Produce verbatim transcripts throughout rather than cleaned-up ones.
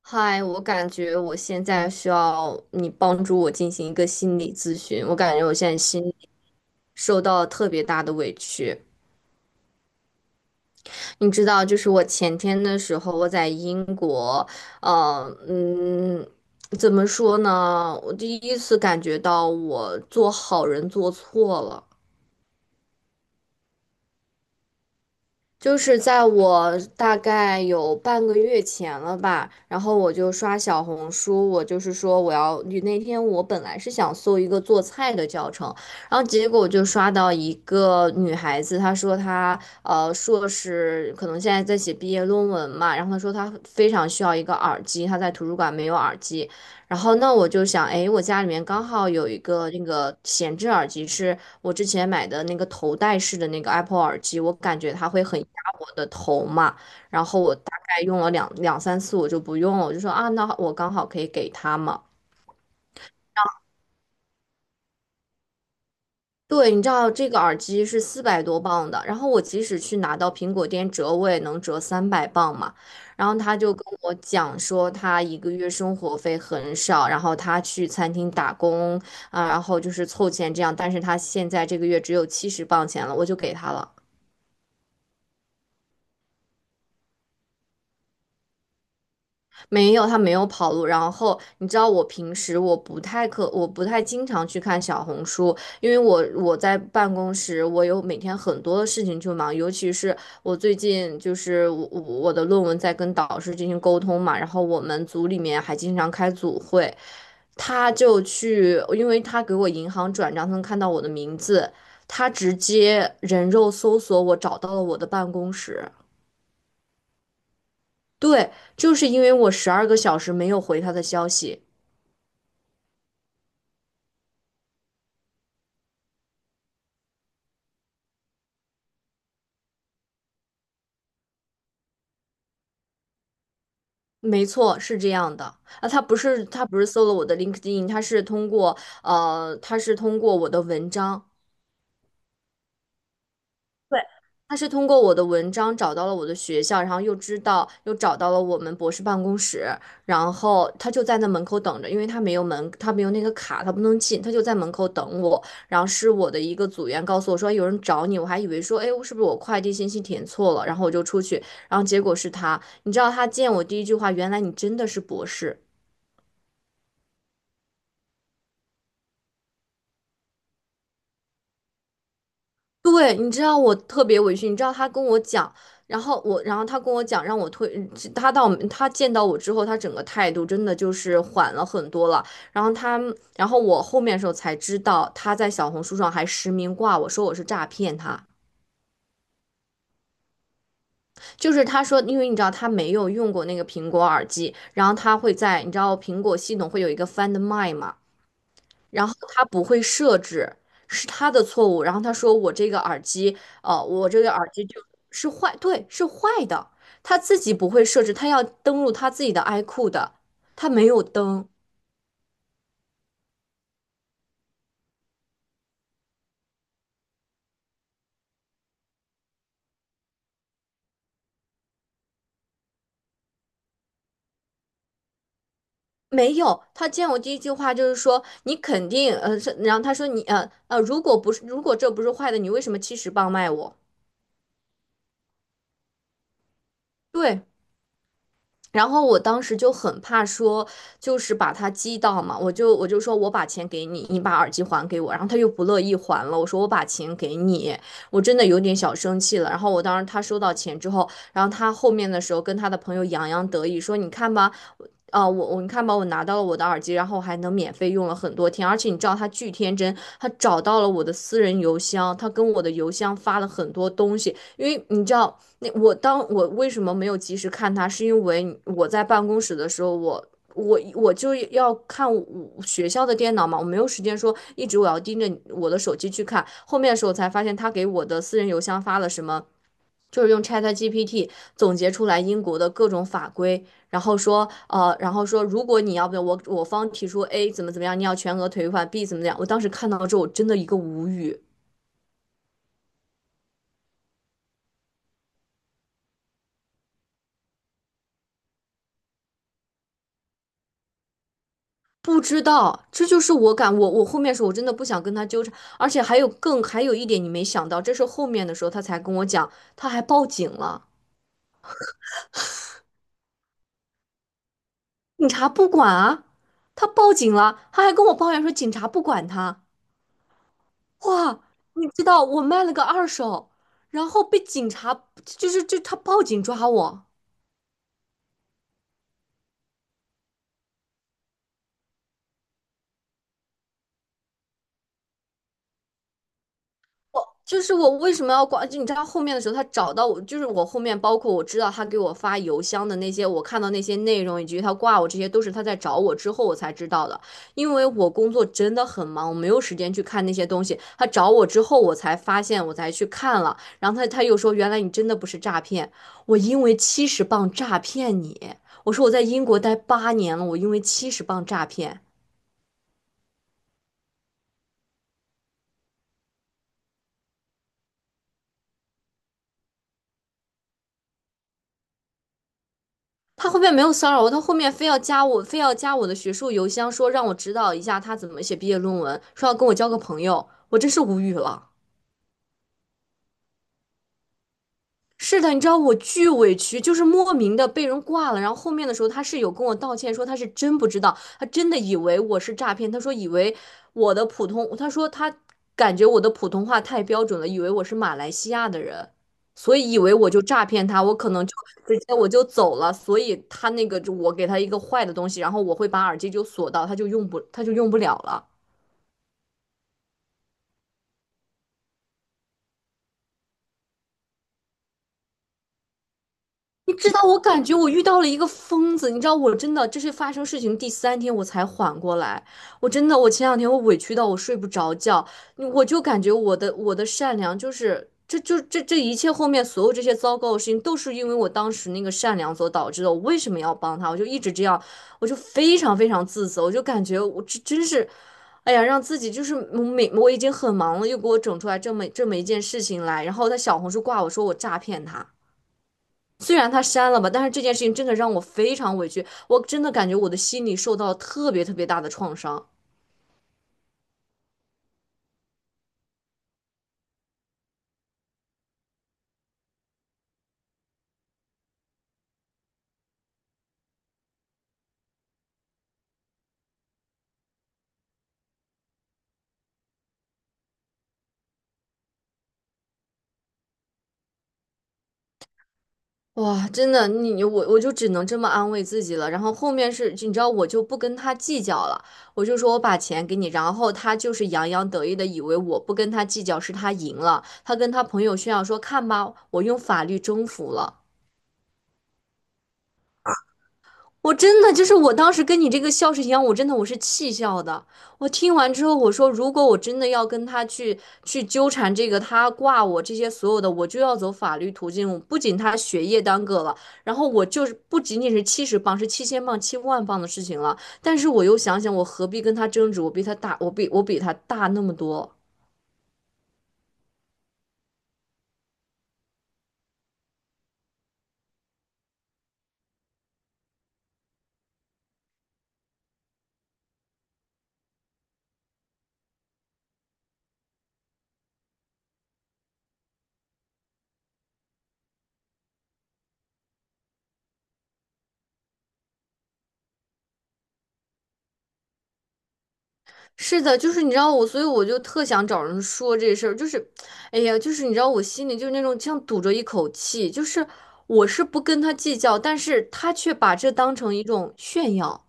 嗨，我感觉我现在需要你帮助我进行一个心理咨询。我感觉我现在心里受到了特别大的委屈。你知道，就是我前天的时候，我在英国，呃，嗯，怎么说呢？我第一次感觉到我做好人做错了。就是在我大概有半个月前了吧，然后我就刷小红书，我就是说我要，那天我本来是想搜一个做菜的教程，然后结果我就刷到一个女孩子，她说她呃硕士可能现在在写毕业论文嘛，然后她说她非常需要一个耳机，她在图书馆没有耳机，然后那我就想，哎，我家里面刚好有一个那个闲置耳机是。我之前买的那个头戴式的那个 Apple 耳机，我感觉它会很压我的头嘛，然后我大概用了两两三次，我就不用了，我就说啊，那我刚好可以给他嘛。对，你知道这个耳机是四百多磅的，然后我即使去拿到苹果店折，我也能折三百磅嘛。然后他就跟我讲说，他一个月生活费很少，然后他去餐厅打工啊，然后就是凑钱这样，但是他现在这个月只有七十磅钱了，我就给他了。没有，他没有跑路。然后你知道，我平时我不太可，我不太经常去看小红书，因为我我在办公室，我有每天很多的事情去忙，尤其是我最近就是我我我的论文在跟导师进行沟通嘛，然后我们组里面还经常开组会，他就去，因为他给我银行转账，他能看到我的名字，他直接人肉搜索我，找到了我的办公室。对，就是因为我十二个小时没有回他的消息。没错，是这样的啊，他不是他不是搜了我的 LinkedIn，他是通过呃，他是通过我的文章，对，他是通过我的文章找到了我的学校，然后又知道又找到了我们博士办公室，然后他就在那门口等着，因为他没有门，他没有那个卡，他不能进，他就在门口等我。然后是我的一个组员告诉我说哎有人找你，我还以为说哎是不是我快递信息填错了，然后我就出去，然后结果是他。你知道他见我第一句话，原来你真的是博士。对，你知道我特别委屈，你知道他跟我讲，然后我，然后他跟我讲，让我退，嗯他到他见到我之后，他整个态度真的就是缓了很多了。然后他，然后我后面的时候才知道，他在小红书上还实名挂我说我是诈骗他，就是他说，因为你知道他没有用过那个苹果耳机，然后他会在你知道苹果系统会有一个 Find My 嘛。然后他不会设置，是他的错误。然后他说我这个耳机，呃，我这个耳机就是坏，对，是坏的。他自己不会设置，他要登录他自己的 iQOO 的，他没有登，没有。他见我第一句话就是说你肯定，呃，是然后他说你，呃呃，如果不是，如果这不是坏的，你为什么七十磅卖我？对，然后我当时就很怕说，就是把他激到嘛，我就我就说我把钱给你，你把耳机还给我，然后他又不乐意还了，我说我把钱给你，我真的有点小生气了。然后我当时他收到钱之后，然后他后面的时候跟他的朋友洋洋得意说，你看吧。啊、我我你看吧，我拿到了我的耳机，然后还能免费用了很多天，而且你知道他巨天真，他找到了我的私人邮箱，他跟我的邮箱发了很多东西，因为你知道，那我当我为什么没有及时看他，是因为我在办公室的时候，我我我就要看我学校的电脑嘛，我没有时间说一直我要盯着我的手机去看。后面的时候才发现，他给我的私人邮箱发了什么，就是用 ChatGPT 总结出来英国的各种法规，然后说呃，然后说如果你要不要我我方提出 A 怎么怎么样，你要全额退款 B 怎么怎么样。我当时看到之后，我真的一个无语。不知道，这就是我感我我后面说，我真的不想跟他纠缠，而且还有更还有一点你没想到，这是后面的时候他才跟我讲，他还报警了，警察不管啊，他报警了，他还跟我抱怨说警察不管他，哇，你知道我卖了个二手，然后被警察就是就他报警抓我。我就是我为什么要挂？就你知道后面的时候，他找到我，就是我后面包括我知道他给我发邮箱的那些，我看到那些内容以及他挂我这些，都是他在找我之后我才知道的。因为我工作真的很忙，我没有时间去看那些东西。他找我之后，我才发现，我才去看了。然后他他又说，原来你真的不是诈骗，我因为七十磅诈骗你。我说我在英国待八年了，我因为七十磅诈骗。他后面没有骚扰我，他后面非要加我，非要加我的学术邮箱，说让我指导一下他怎么写毕业论文，说要跟我交个朋友，我真是无语了。是的，你知道我巨委屈，就是莫名的被人挂了。然后后面的时候，他是有跟我道歉，说他是真不知道，他真的以为我是诈骗。他说以为我的普通，他说他感觉我的普通话太标准了，以为我是马来西亚的人，所以以为我就诈骗他，我可能就直接我就走了。所以他那个就我给他一个坏的东西，然后我会把耳机就锁到，他就用不他就用不了了。你知道，我感觉我遇到了一个疯子。你知道，我真的这是发生事情第三天我才缓过来。我真的，我前两天我委屈到我睡不着觉，我就感觉我的我的善良就是这就这这一切后面所有这些糟糕的事情都是因为我当时那个善良所导致的。我为什么要帮他？我就一直这样，我就非常非常自责，我就感觉我这真是，哎呀，让自己就是我每我已经很忙了，又给我整出来这么这么一件事情来，然后在小红书挂我说我诈骗他。虽然他删了吧，但是这件事情真的让我非常委屈，我真的感觉我的心里受到了特别特别大的创伤。哇，真的，你我我就只能这么安慰自己了。然后后面是，你知道，我就不跟他计较了，我就说我把钱给你。然后他就是洋洋得意的以为我不跟他计较是他赢了，他跟他朋友炫耀说，看吧，我用法律征服了。我真的就是我当时跟你这个笑是一样，我真的我是气笑的。我听完之后，我说如果我真的要跟他去去纠缠这个，他挂我这些所有的，我就要走法律途径。不仅他学业耽搁了，然后我就是不仅仅是七十磅，是七千磅、七万磅的事情了。但是我又想想，我何必跟他争执？我比他大，我比我比他大那么多。是的，就是你知道我，所以我就特想找人说这事儿，就是，哎呀，就是你知道我心里就是那种像堵着一口气，就是我是不跟他计较，但是他却把这当成一种炫耀，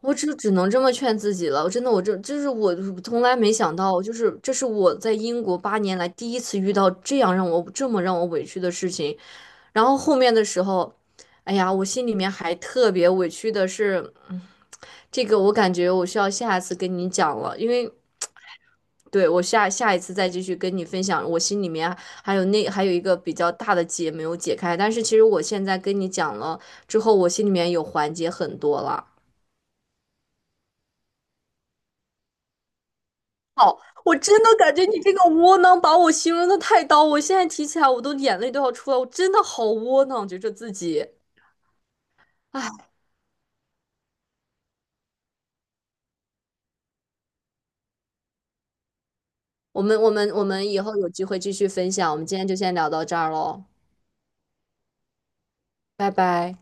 我只只能这么劝自己了。真的，我这就是我从来没想到，就是这是我在英国八年来第一次遇到这样让我这么让我委屈的事情。然后后面的时候，哎呀，我心里面还特别委屈的是，嗯，这个我感觉我需要下次跟你讲了，因为。对，我下下一次再继续跟你分享，我心里面啊还有那还有一个比较大的结没有解开，但是其实我现在跟你讲了之后，我心里面有缓解很多了。我真的感觉你这个窝囊把我形容的太刀，我现在提起来我都眼泪都要出来，我真的好窝囊，觉着自己。我们我们我们以后有机会继续分享，我们今天就先聊到这儿喽，拜拜。